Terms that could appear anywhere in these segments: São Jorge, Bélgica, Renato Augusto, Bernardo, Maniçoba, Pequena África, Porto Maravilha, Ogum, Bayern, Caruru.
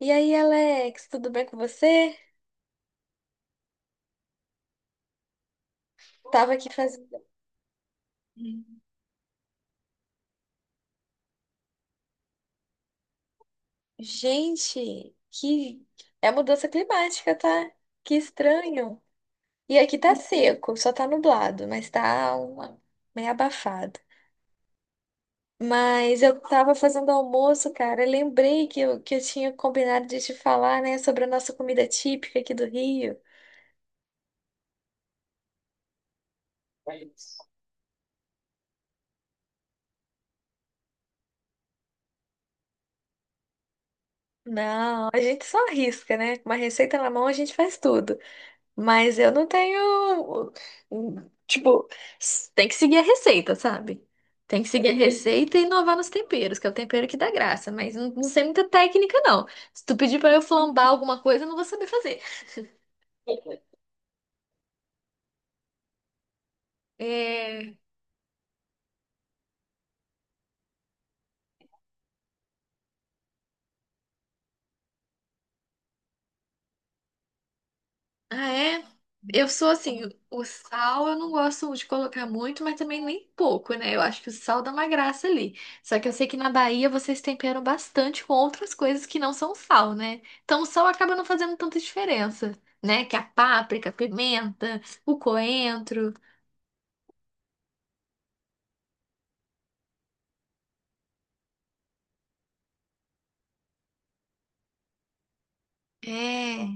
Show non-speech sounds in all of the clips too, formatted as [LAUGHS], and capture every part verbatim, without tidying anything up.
E aí, Alex, tudo bem com você? Tava aqui fazendo. Gente, que. É mudança climática, tá? Que estranho. E aqui tá seco, só tá nublado, mas tá uma... meio abafado. Mas eu tava fazendo almoço, cara. Eu Lembrei que eu, que eu tinha combinado de te falar, né, sobre a nossa comida típica aqui do Rio. Não, a gente só arrisca, né? Com uma receita na mão, a gente faz tudo. Mas eu não tenho. hum, Tipo, s- tem que seguir a receita, sabe? Tem que seguir a receita e inovar nos temperos, que é o tempero que dá graça. Mas não, não sei muita técnica, não. Se tu pedir pra eu flambar alguma coisa, eu não vou saber fazer. É. Ah, é? Eu sou assim, o sal eu não gosto de colocar muito, mas também nem pouco, né? Eu acho que o sal dá uma graça ali. Só que eu sei que na Bahia vocês temperam bastante com outras coisas que não são sal, né? Então o sal acaba não fazendo tanta diferença, né? Que a páprica, a pimenta, o coentro, é,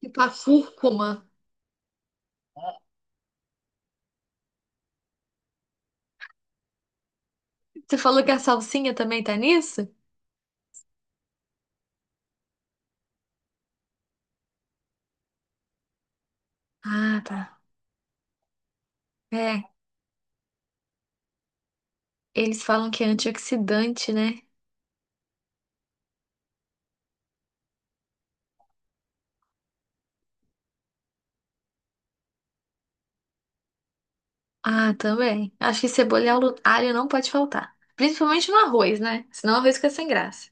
tipo a cúrcuma. Você falou que a salsinha também tá nisso? Ah, tá. É, eles falam que é antioxidante, né? Ah, também. Acho que cebola e alu- alho não pode faltar. Principalmente no arroz, né? Senão o arroz fica sem graça.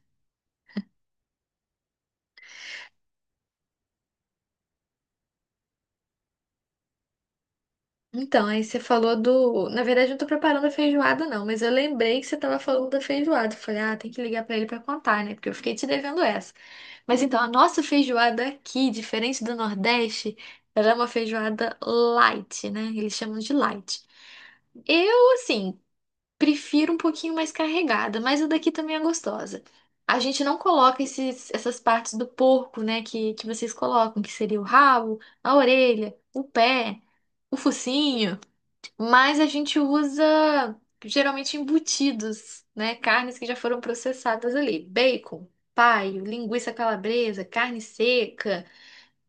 Então, aí você falou do. Na verdade, eu não tô preparando a feijoada, não, mas eu lembrei que você tava falando da feijoada. Eu Falei, ah, tem que ligar pra ele pra contar, né? Porque eu fiquei te devendo essa. Mas então, a nossa feijoada aqui, diferente do Nordeste, ela é uma feijoada light, né? Eles chamam de light. Eu, assim, prefiro um pouquinho mais carregada, mas a daqui também é gostosa. A gente não coloca esses, essas partes do porco, né, que, que vocês colocam, que seria o rabo, a orelha, o pé, o focinho, mas a gente usa geralmente embutidos, né, carnes que já foram processadas ali, bacon, paio, linguiça calabresa, carne seca,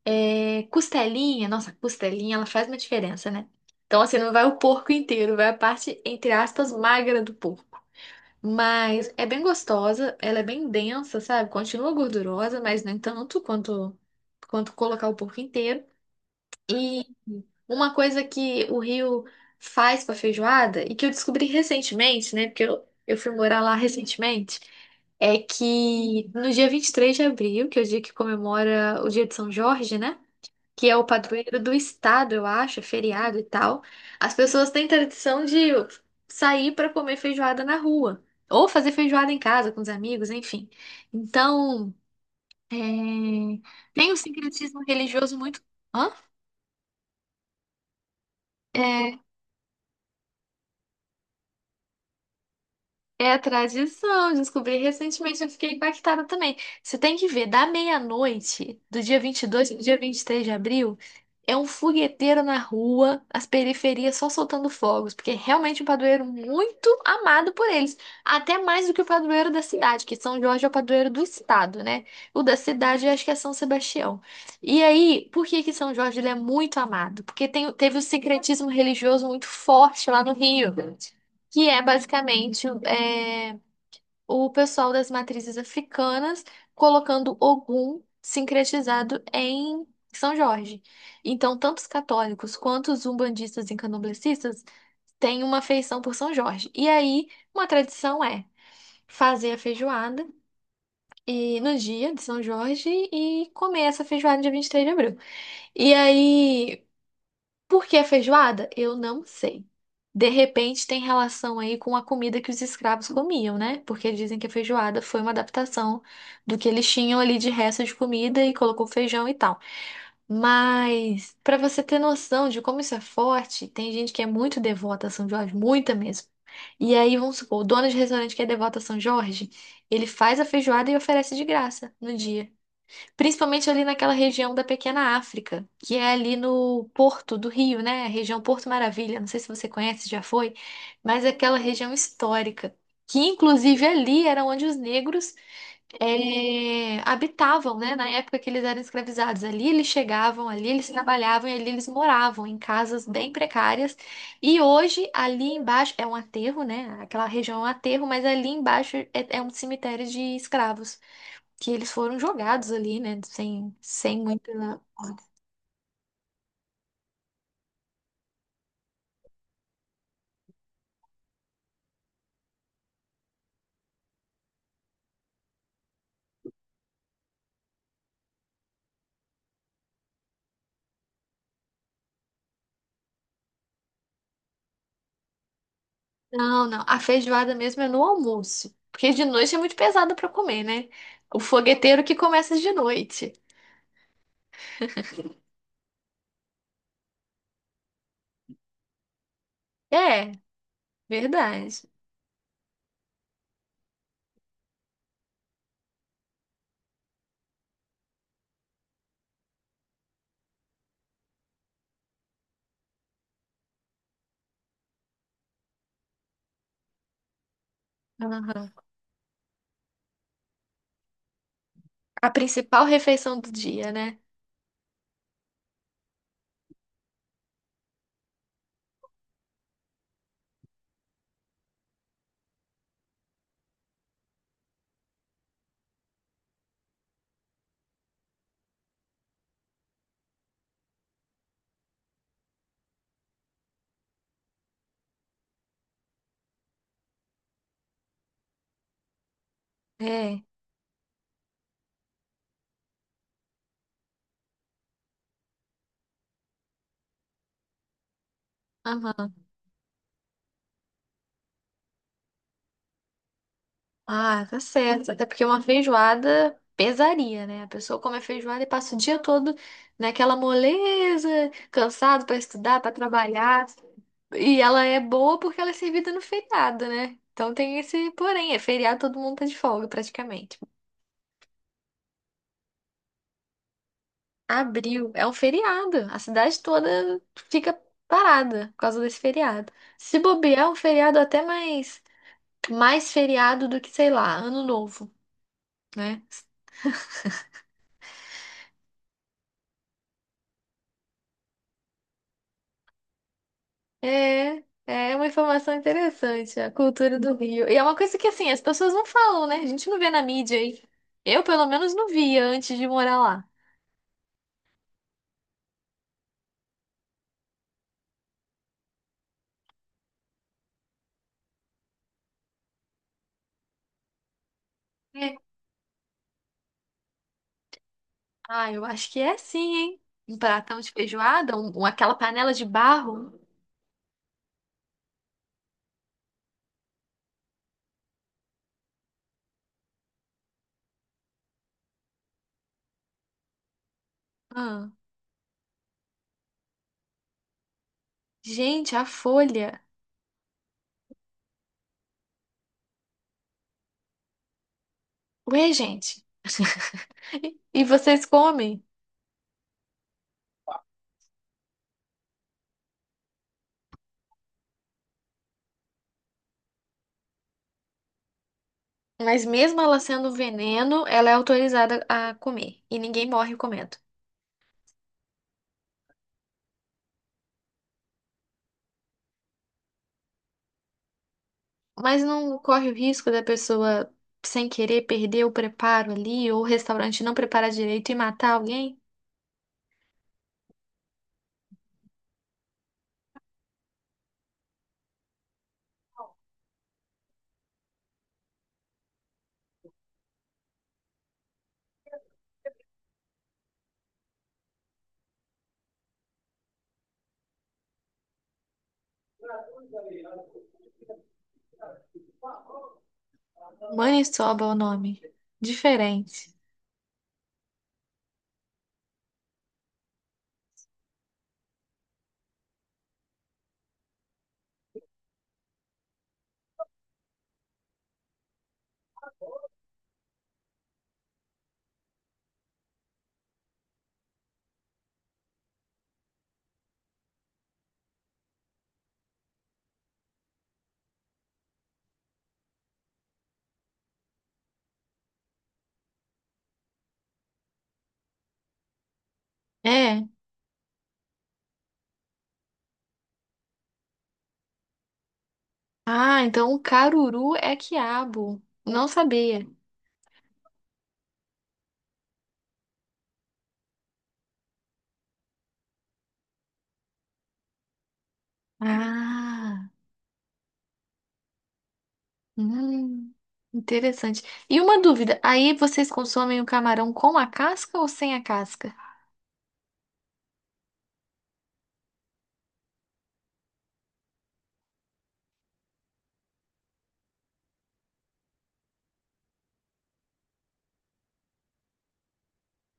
é, costelinha. Nossa, a costelinha, ela faz uma diferença, né? Então, assim, não vai o porco inteiro, vai a parte, entre aspas, magra do porco. Mas é bem gostosa, ela é bem densa, sabe? Continua gordurosa, mas nem tanto quanto, quanto colocar o porco inteiro. E uma coisa que o Rio faz pra feijoada, e que eu descobri recentemente, né? Porque eu, eu fui morar lá recentemente, é que no dia vinte e três de abril, que é o dia que comemora o dia de São Jorge, né? Que é o padroeiro do estado, eu acho, é feriado e tal. As pessoas têm tradição de sair para comer feijoada na rua, ou fazer feijoada em casa com os amigos, enfim. Então, é, tem um sincretismo religioso muito. Hã? É. É a tradição, descobri recentemente, eu fiquei impactada também. Você tem que ver, da meia-noite, do dia vinte e dois pro dia vinte e três de abril, é um fogueteiro na rua, as periferias só soltando fogos, porque é realmente um padroeiro muito amado por eles, até mais do que o padroeiro da cidade, que São Jorge é o padroeiro do estado, né? O da cidade eu acho que é São Sebastião. E aí, por que que São Jorge ele é muito amado? Porque tem- teve o secretismo religioso muito forte lá no Rio, que é basicamente é, o pessoal das matrizes africanas colocando Ogum sincretizado em São Jorge. Então, tanto os católicos quanto os umbandistas e candomblecistas têm uma afeição por São Jorge. E aí, uma tradição é fazer a feijoada e no dia de São Jorge e comer essa feijoada dia vinte e três de abril. E aí, por que feijoada? Eu não sei. De repente tem relação aí com a comida que os escravos comiam, né? Porque dizem que a feijoada foi uma adaptação do que eles tinham ali de resto de comida e colocou feijão e tal. Mas para você ter noção de como isso é forte, tem gente que é muito devota a São Jorge, muita mesmo. E aí, vamos supor, o dono de restaurante que é devoto a São Jorge, ele faz a feijoada e oferece de graça no dia. Principalmente ali naquela região da Pequena África, que é ali no Porto do Rio, né? A região Porto Maravilha, não sei se você conhece, já foi, mas é aquela região histórica, que inclusive ali era onde os negros eh, habitavam, né? Na época que eles eram escravizados. Ali eles chegavam, ali eles trabalhavam e ali eles moravam em casas bem precárias. E hoje, ali embaixo, é um aterro, né? Aquela região é um aterro, mas ali embaixo é é um cemitério de escravos que eles foram jogados ali, né? Sem, sem muita. Não, não. A feijoada mesmo é no almoço. Porque de noite é muito pesado pra comer, né? O fogueteiro que começa de noite. É, verdade. Aham. A principal refeição do dia, né? É. Aham. Ah, tá certo. Até porque uma feijoada pesaria, né? A pessoa come a feijoada e passa o dia todo naquela moleza, cansado pra estudar, pra trabalhar. E ela é boa porque ela é servida no feriado, né? Então tem esse porém, é feriado, todo mundo tá de folga praticamente. Abril é um feriado, a cidade toda fica parada por causa desse feriado. Se bobear, é um feriado até mais mais feriado do que, sei lá, Ano Novo, né? É, é uma informação interessante, a cultura do Rio. E é uma coisa que assim, as pessoas não falam, né? A gente não vê na mídia aí. Eu, pelo menos, não via antes de morar lá. Ah, eu acho que é sim, hein? Um pratão de feijoada, um, um- aquela panela de barro. Ah, gente, a folha. Ué, gente. [LAUGHS] E vocês comem? Mas mesmo ela sendo um veneno, ela é autorizada a comer. E ninguém morre comendo. Mas não corre o risco da pessoa, sem querer, perder o preparo ali, ou o restaurante não preparar direito e matar alguém? Maniçoba é o nome. Diferente. É. Ah, então o caruru é quiabo. Não sabia. Ah, hum, interessante. E uma dúvida, aí vocês consomem o camarão com a casca ou sem a casca?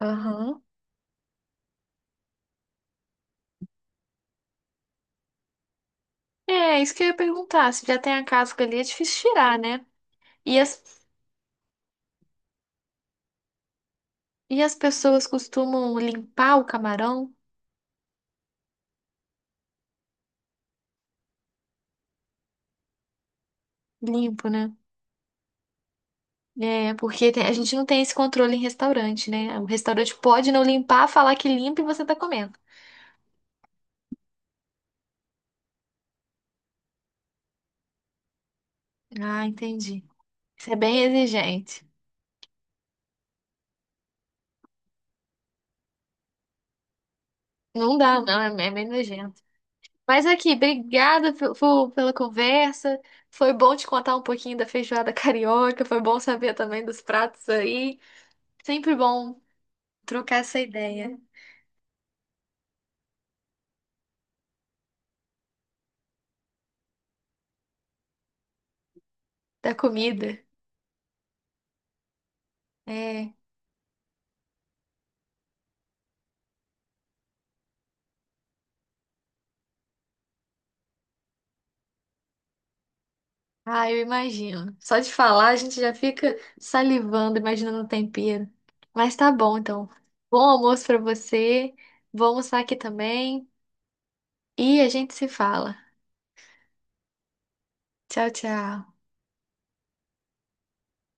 Aham. É, isso que eu ia perguntar. Se já tem a casca ali, é difícil tirar, né? E as, e as pessoas costumam limpar o camarão limpo, né? É, porque tem- a gente não tem esse controle em restaurante, né? O restaurante pode não limpar, falar que limpa e você tá comendo. Ah, entendi. Isso é bem exigente. Não dá, não, é, é meio nojento. Mas aqui, obrigada pe- fo- pela conversa. Foi bom te contar um pouquinho da feijoada [LAUGHS] carioca, foi bom saber também dos pratos aí. Sempre bom trocar essa ideia da comida. É. Ah, eu imagino. Só de falar a gente já fica salivando, imaginando o tempero. Mas tá bom, então. Bom almoço pra você. Vou almoçar aqui também e a gente se fala. Tchau, tchau.